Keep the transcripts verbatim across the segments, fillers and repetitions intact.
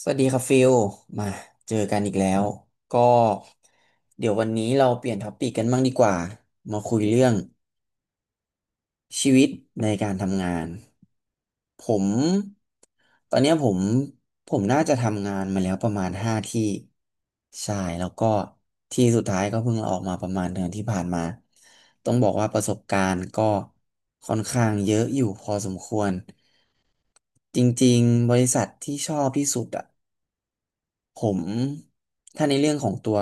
สวัสดีครับฟิลมาเจอกันอีกแล้วก็เดี๋ยววันนี้เราเปลี่ยนท็อปปิกกันบ้างดีกว่ามาคุยเรื่องชีวิตในการทำงานผมตอนเนี้ยผมผมน่าจะทำงานมาแล้วประมาณห้าที่ใช่แล้วก็ที่สุดท้ายก็เพิ่งลาออกมาประมาณเดือนที่ผ่านมาต้องบอกว่าประสบการณ์ก็ค่อนข้างเยอะอยู่พอสมควรจริงๆบริษัทที่ชอบที่สุดอะ ผมถ้าในเรื่องของตัว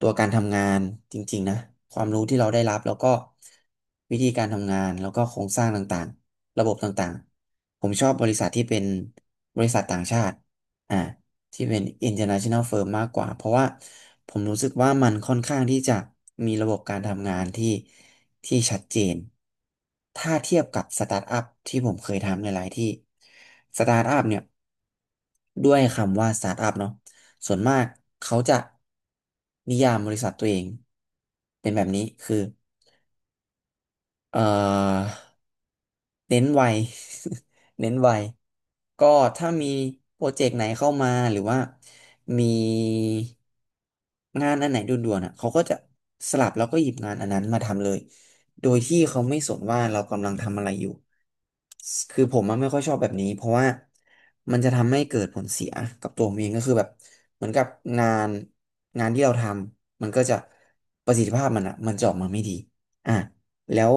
ตัวการทำงานจริงๆนะความรู้ที่เราได้รับแล้วก็วิธีการทำงานแล้วก็โครงสร้างต่างๆระบบต่างๆผมชอบบริษัทที่เป็นบริษัทต่างชาติอ่าที่เป็น international firm มากกว่าเพราะว่าผมรู้สึกว่ามันค่อนข้างที่จะมีระบบการทำงานที่ที่ชัดเจนถ้าเทียบกับสตาร์ทอัพที่ผมเคยทำหลายๆที่สตาร์ทอัพเนี่ย ด้วยคำว่าสตาร์ทอัพเนาะส่วนมากเขาจะนิยามบริษัทตัวเองเป็นแบบนี้คือเอ่อ เน้นไว เน้นไวก็ถ้ามีโปรเจกต์ไหนเข้ามาหรือว่ามีงานอันไหนด่วนๆอ่ะเขาก็จะสลับแล้วก็หยิบงานอันนั้นมาทำเลย โดยที่เขาไม่สนว่าเรากำลังทำอะไรอยู่คือผมอะไม่ค่อยชอบแบบนี้เพราะว่ามันจะทำให้เกิดผลเสียกับตัวผมเองก็คือแบบเหมือนกับงานงานที่เราทำมันก็จะประสิทธิภาพมันอ่ะมันจะออกมาไม่ดีอ่ะแล้ว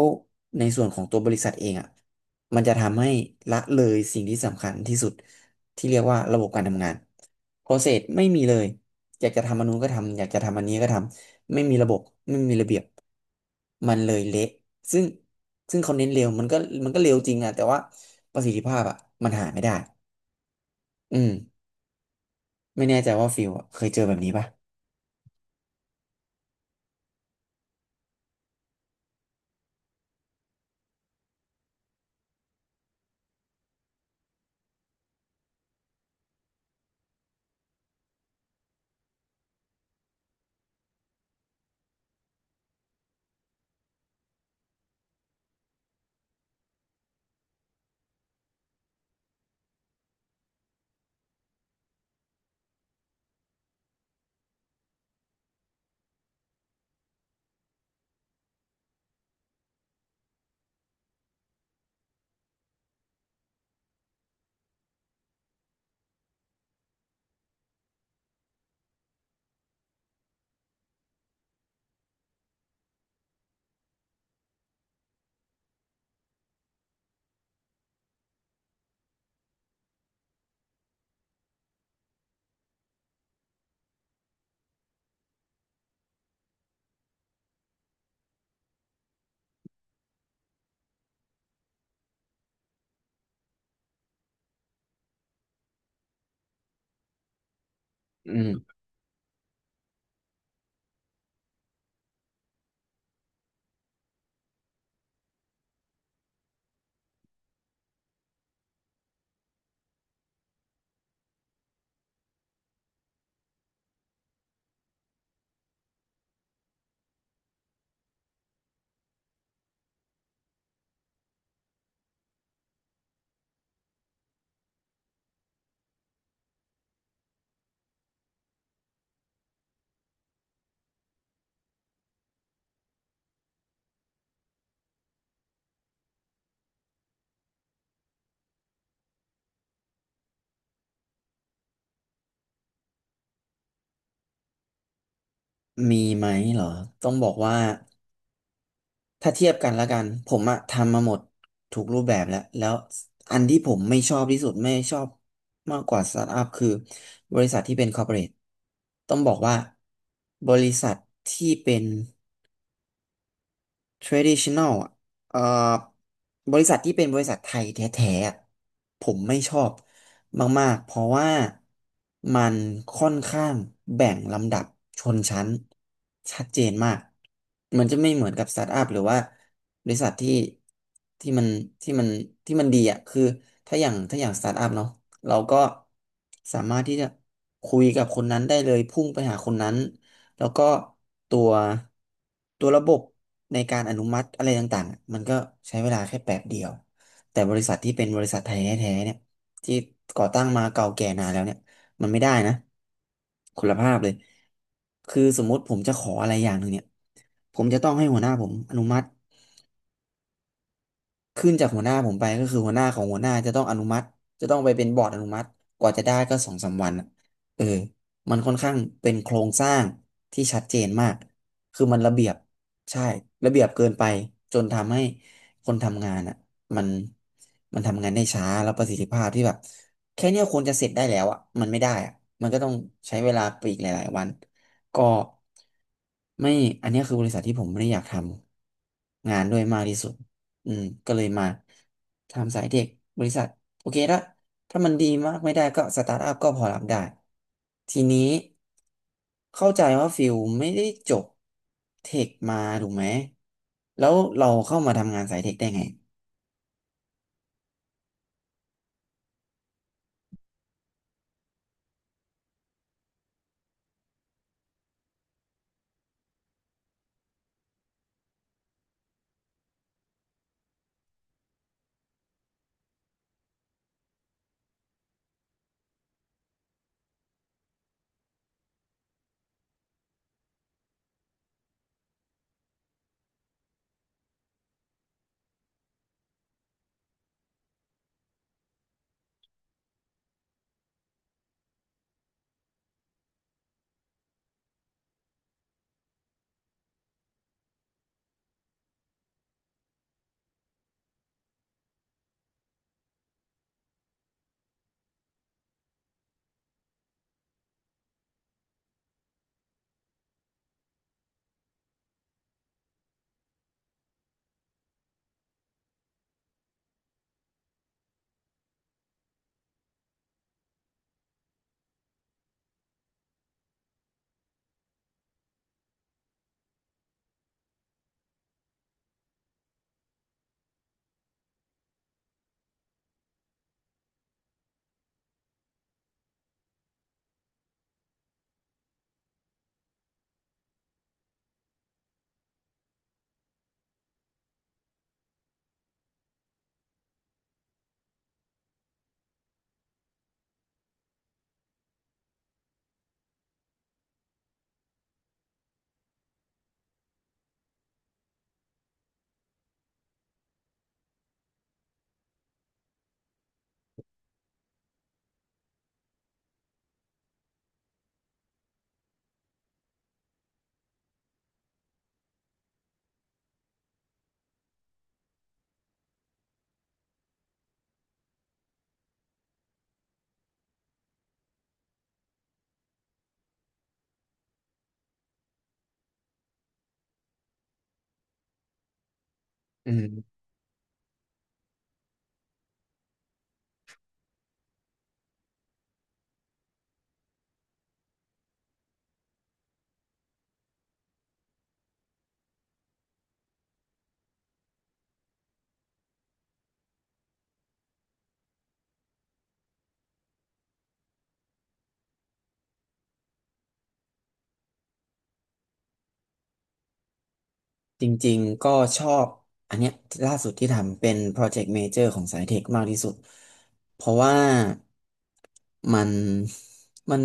ในส่วนของตัวบริษัทเองอ่ะ มันจะทำให้ละเลยสิ่งที่สำคัญที่สุดที่เรียกว่าระบบการทำงาน process ไม่มีเลยอยากจะทำอันนู้นก็ทำอยากจะทำอันนี้ก็ทำไม่มีระบบไม่มีระเบียบมันเลยเละซึ่งซึ่งเขาเน้นเร็วมันก็มันก็เร็วจริงอะแต่ว่าประสิทธิภาพอะมันหาไม่ได้ อืมไม่แน่ใจว่าฟิลอะเคยเจอแบบนี้ปะอืมมีไหมเหรอต้องบอกว่า ถ้าเทียบกันแล้วกัน ผมอะทำมาหมดทุกรูปแบบแล้ว แล้วอันที่ผมไม่ชอบที่สุดไม่ชอบมากกว่าสตาร์ทอัพคือบริษัทที่เป็นคอร์ปอเรทต้องบอกว่าบริษัทที่เป็น traditional อ่ะเอ่อบริษัทที่เป็นบริษัทไทยแท้ๆอะผมไม่ชอบมากๆ เพราะว่ามันค่อนข้างแบ่งลำดับชนชั้นชัดเจนมาก มันจะไม่เหมือนกับสตาร์ทอัพหรือว่าบริษัทที่ที่มันที่มันที่มันดีอ่ะคือถ้าอย่างถ้าอย่างสตาร์ทอัพเนาะเราก็สามารถที่จะคุยกับคนนั้นได้เลยพุ่งไปหาคนนั้น แล้วก็ตัวตัวระบบในการอนุมัติอะไรต่างๆ มันก็ใช้เวลาแค่แป๊บเดียว แต่บริษัทที่เป็นบริษัทไทยแท้ๆเนี่ยที่ก่อตั้งมาเก่าแก่นานแล้วเนี่ยมันไม่ได้นะคุณภาพเลยคือสมมติผมจะขออะไรอย่างหนึ่งเนี่ยผมจะต้องให้หัวหน้าผมอนุมัติ ขึ้นจากหัวหน้าผมไปก็คือหัวหน้าของหัวหน้าจะต้องอนุมัติจะต้องไปเป็นบอร์ดอนุมัติกว่าจะได้ก็สองสามวันอะเออมันค่อนข้างเป็นโครงสร้างที่ชัดเจนมากคือมันระเบียบใช่ระเบียบเกินไปจนทำให้คนทำงานอ่ะมันมันทำงานได้ช้าแล้วประสิทธิภาพที่แบบแค่เนี้ยควรจะเสร็จได้แล้วอ่ะมันไม่ได้อ่ะมันก็ต้องใช้เวลาไปอีกหลายๆวันก็ไม่อันเนี้ยคือบริษัทที่ผมไม่ได้อยากทำงานด้วยมากที่สุด อืมก็เลยมาทำสายเทคบริษัทโอเคละถ้ามันดีมากไม่ได้ก็สตาร์ทอัพก็พอรับได้ทีนี้เข้าใจว่าฟิลไม่ได้จบเทคมาถูกไหมแล้วเราเข้ามาทำงานสายเทคได้ไงอืม จริงๆ ก็ชอบอันเนี้ยล่าสุดที่ทำเป็นโปรเจกต์เมเจอร์ของสายเทคมากที่สุดเพราะว่ามันมัน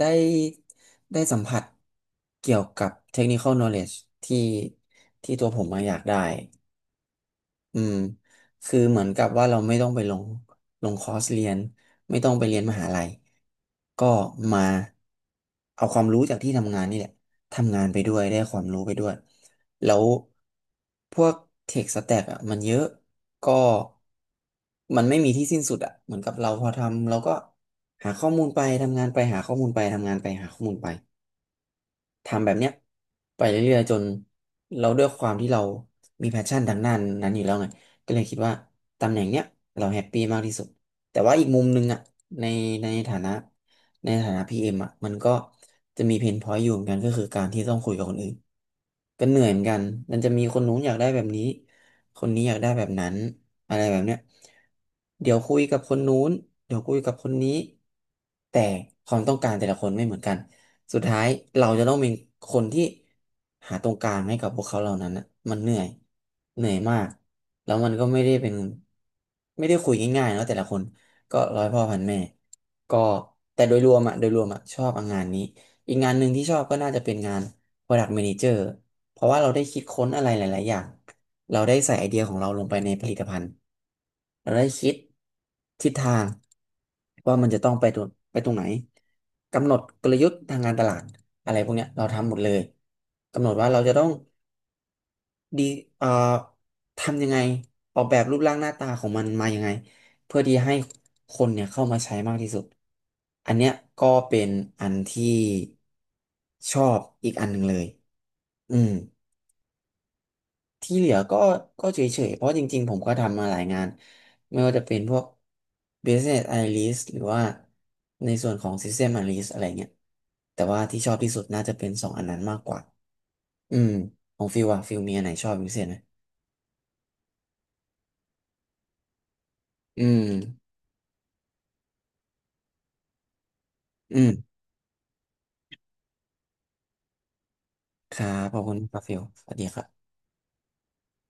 ได้ได้สัมผัสเกี่ยวกับ technical knowledge ที่ที่ตัวผมมาอยากได้ อืมคือเหมือนกับว่าเราไม่ต้องไปลงลงคอร์สเรียนไม่ต้องไปเรียนมหาลัยก็มาเอาความรู้จากที่ทำงานนี่แหละทำงานไปด้วยได้ความรู้ไปด้วยแล้วพวกเทคสแต็กอ่ะมันเยอะก็มันไม่มีที่สิ้นสุดอ่ะเหมือนกับเราพอทำเราก็หาข้อมูลไปทำงานไปหาข้อมูลไปทำงานไปหาข้อมูลไป ทำแบบเนี้ยไปเรื่อยๆจนเราด้วยความที่เรามีแพชชั่นทางด้านนั้นอยู่แล้วไงก็เลยคิดว่าตำแหน่งเนี้ยเราแฮปปี้มากที่สุดแต่ว่าอีกมุมหนึงอ่ะในในฐานะในฐานะพีเอ็มอ่ะมันก็จะมีเพนพอยต์อยู่เหมือนกันก็คือการที่ต้องคุยกับคนอื่นก็เหนื่อยเหมือนกันมันจะมีคนนู้นอยากได้แบบนี้ คนนี้อยากได้แบบนั้นอะไรแบบเนี้ยเดี๋ยวคุยกับคนนู้นเดี๋ยวคุยกับคนนี้แต่ความต้องการแต่ละคนไม่เหมือนกัน สุดท้ายเราจะต้องเป็นคนที่หาตรงกลางให้กับพวกเขาเหล่านั้นนะมันเหนื่อยเหนื่อยมากแล้วมันก็ไม่ได้เป็นไม่ได้คุยง่ายๆนะแต่ละคนก็ร้อยพ่อพันแม่ก็แต่โดยรวมอะโดยรวมอะชอบงานนี้อีกงานหนึ่งที่ชอบก็น่าจะเป็นงาน Product Manager เพราะว่าเราได้คิดค้นอะไรหลายๆอย่าง เราได้ใส่ไอเดียของเราลงไปในผลิตภัณฑ์เราได้คิดทิศทางว่ามันจะต้องไปตรงไปตรงไหน กำหนดกลยุทธ์ทางการตลาดอะไรพวกเนี้ยเราทำหมดเลย กำหนดว่าเราจะต้องดีเอ่อทำยังไงออกแบบรูปร่างหน้าตาของมันมายังไงเพื่อที่ให้คนเนี่ยเข้ามาใช้มากที่สุด อันเนี้ยก็เป็นอันที่ชอบอีกอันหนึ่งเลยอืม ที่เหลือก็ก็เฉยๆ เพราะจริงๆผมก็ทำมาหลายงานไม่ว่าจะเป็นพวก Business Analyst หรือว่าในส่วนของ System Analyst อะไรเงี้ยแต่ว่าที่ชอบที่สุดน่าจะเป็นสองอันนั้นมากกว่า อืมของฟิลอะฟิลมีอันไหนชอบเป็นพิเศษไหมอืมอืมครับ ขอบคุณครับฟิลสวัสดีครับ